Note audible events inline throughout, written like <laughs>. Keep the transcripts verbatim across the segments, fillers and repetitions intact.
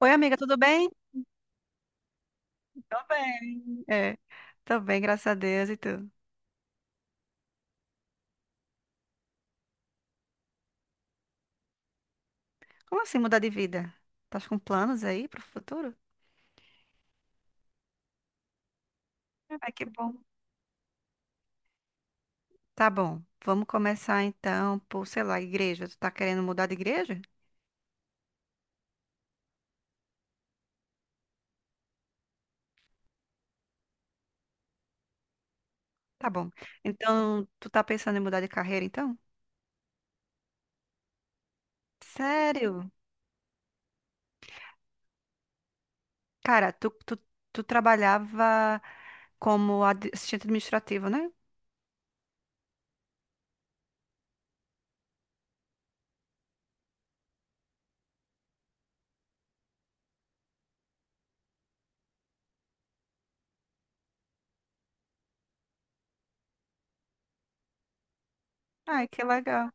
Oi, amiga, tudo bem? Tô bem. É, tô bem, graças a Deus e tu. Como assim mudar de vida? Tá com planos aí pro futuro? Ai, que bom. Tá bom. Vamos começar então por, sei lá, igreja. Tu tá querendo mudar de igreja? Tá bom. Então, tu tá pensando em mudar de carreira então? Sério? Cara, tu, tu, tu trabalhava como ad- assistente administrativo, né? Ai, que legal.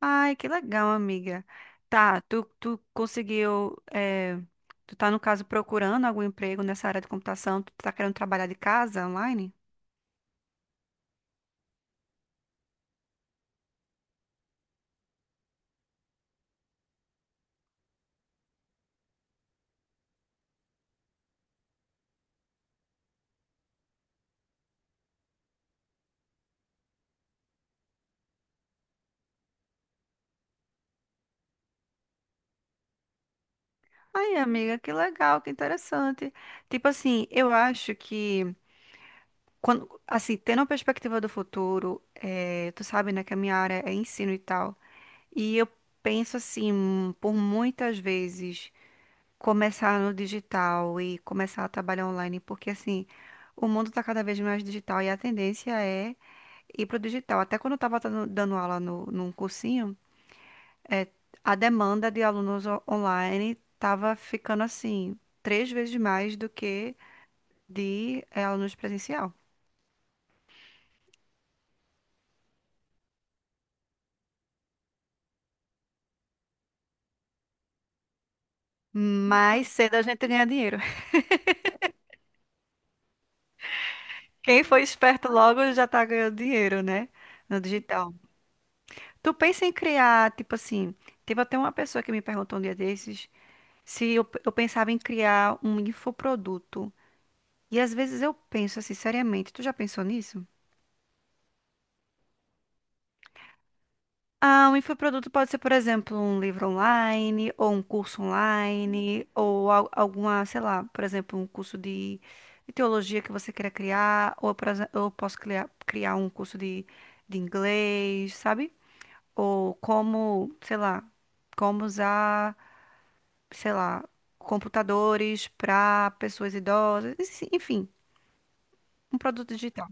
Ai, que legal, amiga. Tá, tu, tu conseguiu. Eh, tu tá, no caso, procurando algum emprego nessa área de computação? Tu tá querendo trabalhar de casa online? Ai, amiga, que legal, que interessante. Tipo assim, eu acho que, quando, assim, tendo uma perspectiva do futuro, eh, tu sabe, né, que a minha área é ensino e tal. E eu penso assim, por muitas vezes. Começar no digital e começar a trabalhar online, porque assim, o mundo está cada vez mais digital e a tendência é ir para o digital. Até quando eu estava dando aula no, num cursinho, é, a demanda de alunos o- online estava ficando assim, três vezes mais do que de é, alunos presencial. Mais cedo a gente ganha dinheiro. <laughs> Quem foi esperto logo já tá ganhando dinheiro, né? No digital. Tu pensa em criar, tipo assim, teve até uma pessoa que me perguntou um dia desses se eu, eu pensava em criar um infoproduto. E às vezes eu penso assim, seriamente, tu já pensou nisso? Ah, um infoproduto pode ser, por exemplo, um livro online, ou um curso online, ou al- alguma, sei lá, por exemplo, um curso de, de teologia que você queira criar, ou por exe- eu posso criar, criar, um curso de, de inglês, sabe? Ou como, sei lá, como usar, sei lá, computadores para pessoas idosas, enfim, um produto digital.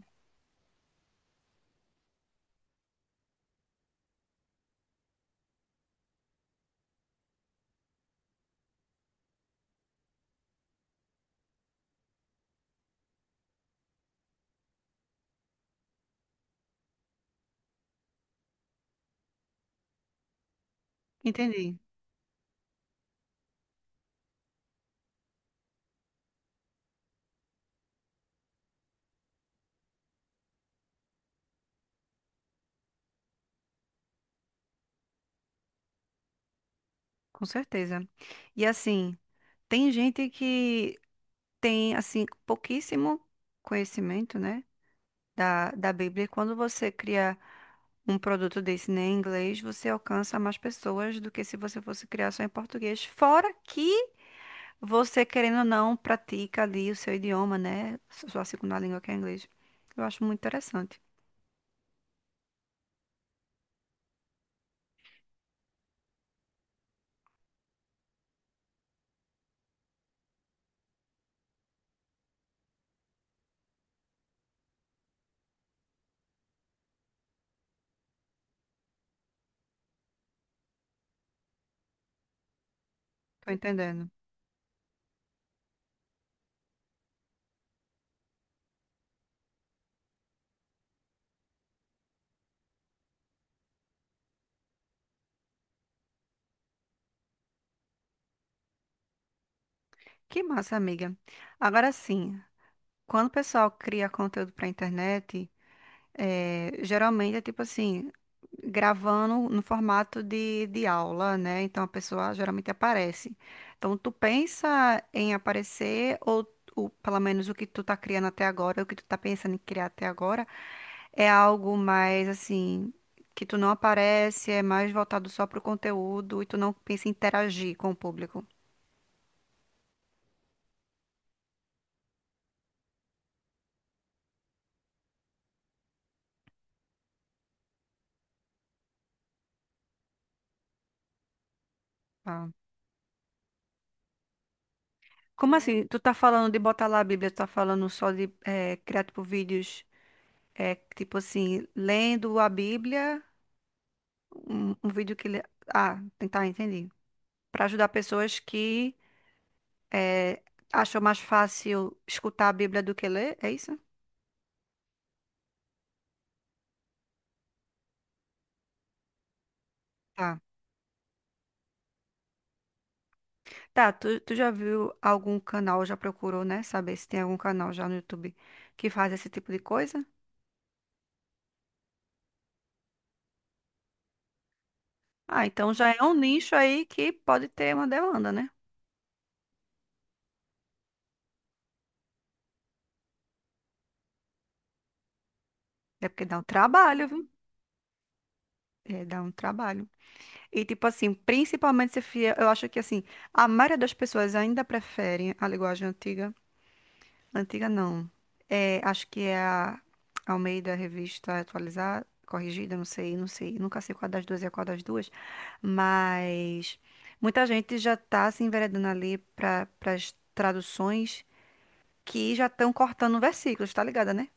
Entendi, com certeza. E assim, tem gente que tem assim pouquíssimo conhecimento, né, da, da Bíblia. E quando você cria um produto desse né, em inglês, você alcança mais pessoas do que se você fosse criar só em português. Fora que você, querendo ou não, pratica ali o seu idioma, né, sua segunda língua que é inglês. Eu acho muito interessante. Tô entendendo. Que massa, amiga. Agora sim, quando o pessoal cria conteúdo para internet. É, geralmente é tipo assim, gravando no formato de, de aula, né? Então a pessoa geralmente aparece. Então tu pensa em aparecer, ou, ou pelo menos o que tu tá criando até agora, o que tu tá pensando em criar até agora, é algo mais assim, que tu não aparece, é mais voltado só pro conteúdo e tu não pensa em interagir com o público. Ah. Como assim? Tu tá falando de botar lá a Bíblia, tu tá falando só de eh, criar tipo vídeos. É tipo assim, lendo a Bíblia, um, um vídeo que. le- Ah, tentar entender. Para ajudar pessoas que eh, acham mais fácil escutar a Bíblia do que ler, é isso? Tá. Tá, tu, tu já viu algum canal, já procurou, né? Saber se tem algum canal já no YouTube que faz esse tipo de coisa? Ah, então já é um nicho aí que pode ter uma demanda, né? É porque dá um trabalho, viu? É, dá um trabalho. E, tipo assim, principalmente se fia, eu acho que, assim, a maioria das pessoas ainda prefere a linguagem antiga. Antiga, não. É, acho que é a Almeida Revista Atualizada, corrigida, não sei, não sei. Nunca sei qual das duas é qual das duas. Mas muita gente já tá se enveredando ali para as traduções que já estão cortando versículos, tá ligada, né?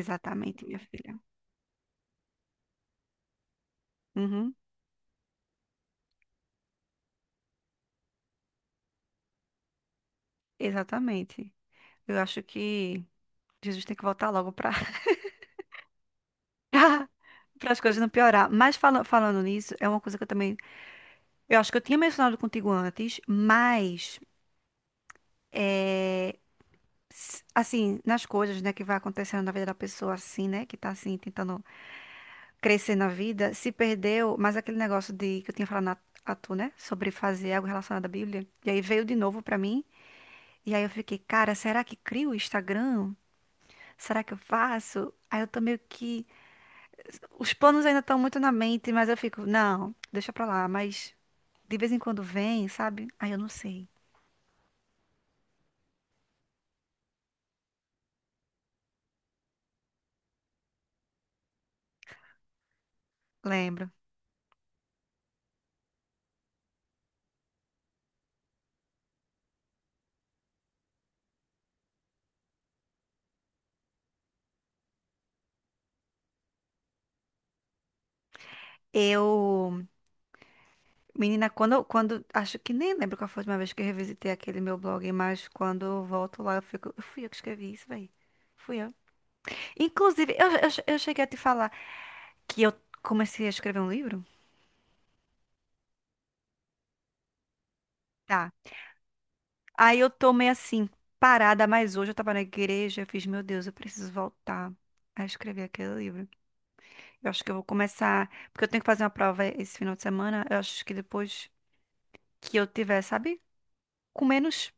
Exatamente, minha filha. Uhum, exatamente. Eu acho que Jesus tem que voltar logo para <laughs> para as coisas não piorar. Mas fala- falando nisso, é uma coisa que eu também. Eu acho que eu tinha mencionado contigo antes, mas. é, s- Assim, nas coisas, né, que vai acontecendo na vida da pessoa, assim, né, que tá assim, tentando crescer na vida, se perdeu, mas aquele negócio de que eu tinha falado na, a tu, né, sobre fazer algo relacionado à Bíblia, e aí veio de novo pra mim, e aí eu fiquei, cara, será que crio o Instagram? Será que eu faço? Aí eu tô meio que. Os planos ainda estão muito na mente, mas eu fico, não, deixa pra lá, mas. De vez em quando vem, sabe? Aí eu não sei. Lembro. Eu, menina, quando, quando, acho que nem lembro qual foi a última vez que eu revisitei aquele meu blog, mas quando eu volto lá, eu fico, eu fui eu que escrevi isso, velho. Fui eu. Inclusive, eu, eu, eu cheguei a te falar que eu comecei a escrever um livro? Tá. Aí eu tô meio assim, parada, mas hoje eu tava na igreja, eu fiz, meu Deus, eu preciso voltar a escrever aquele livro. Eu acho que eu vou começar, porque eu tenho que fazer uma prova esse final de semana, eu acho que depois que eu tiver, sabe? Com menos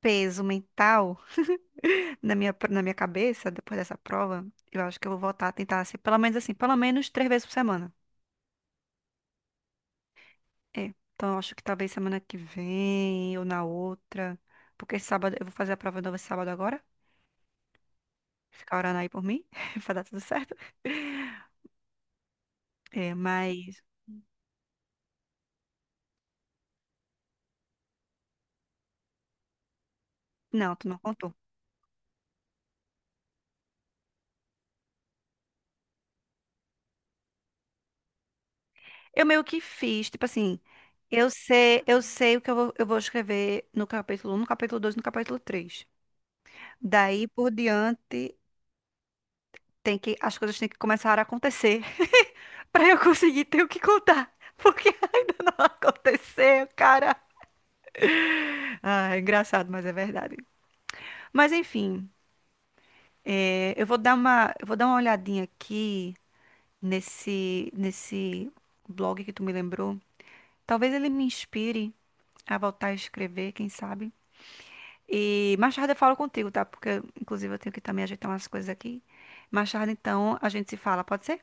peso mental na minha, na minha, cabeça, depois dessa prova, eu acho que eu vou voltar a tentar ser, pelo menos assim, pelo menos três vezes por semana. É. Então, eu acho que talvez semana que vem ou na outra. Porque esse sábado, eu vou fazer a prova nova esse sábado agora. Ficar orando aí por mim, <laughs> vai dar tudo certo. É, mas. Não, tu não contou. Eu meio que fiz, tipo assim. Eu sei, eu sei o que eu vou, eu vou, escrever no capítulo um, no capítulo dois, no capítulo três. Daí por diante. Tem que, as coisas têm que começar a acontecer <laughs> para eu conseguir ter o que contar. Porque <laughs> ainda não aconteceu, cara. Ah, é engraçado, mas é verdade. Mas enfim, é, eu vou dar uma, eu vou dar uma, olhadinha aqui nesse, nesse blog que tu me lembrou. Talvez ele me inspire a voltar a escrever, quem sabe. E mais tarde eu falo contigo, tá? Porque, inclusive, eu tenho que também ajeitar umas coisas aqui. Mais tarde, então, a gente se fala, pode ser?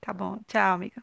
Tá bom. Tchau, amiga.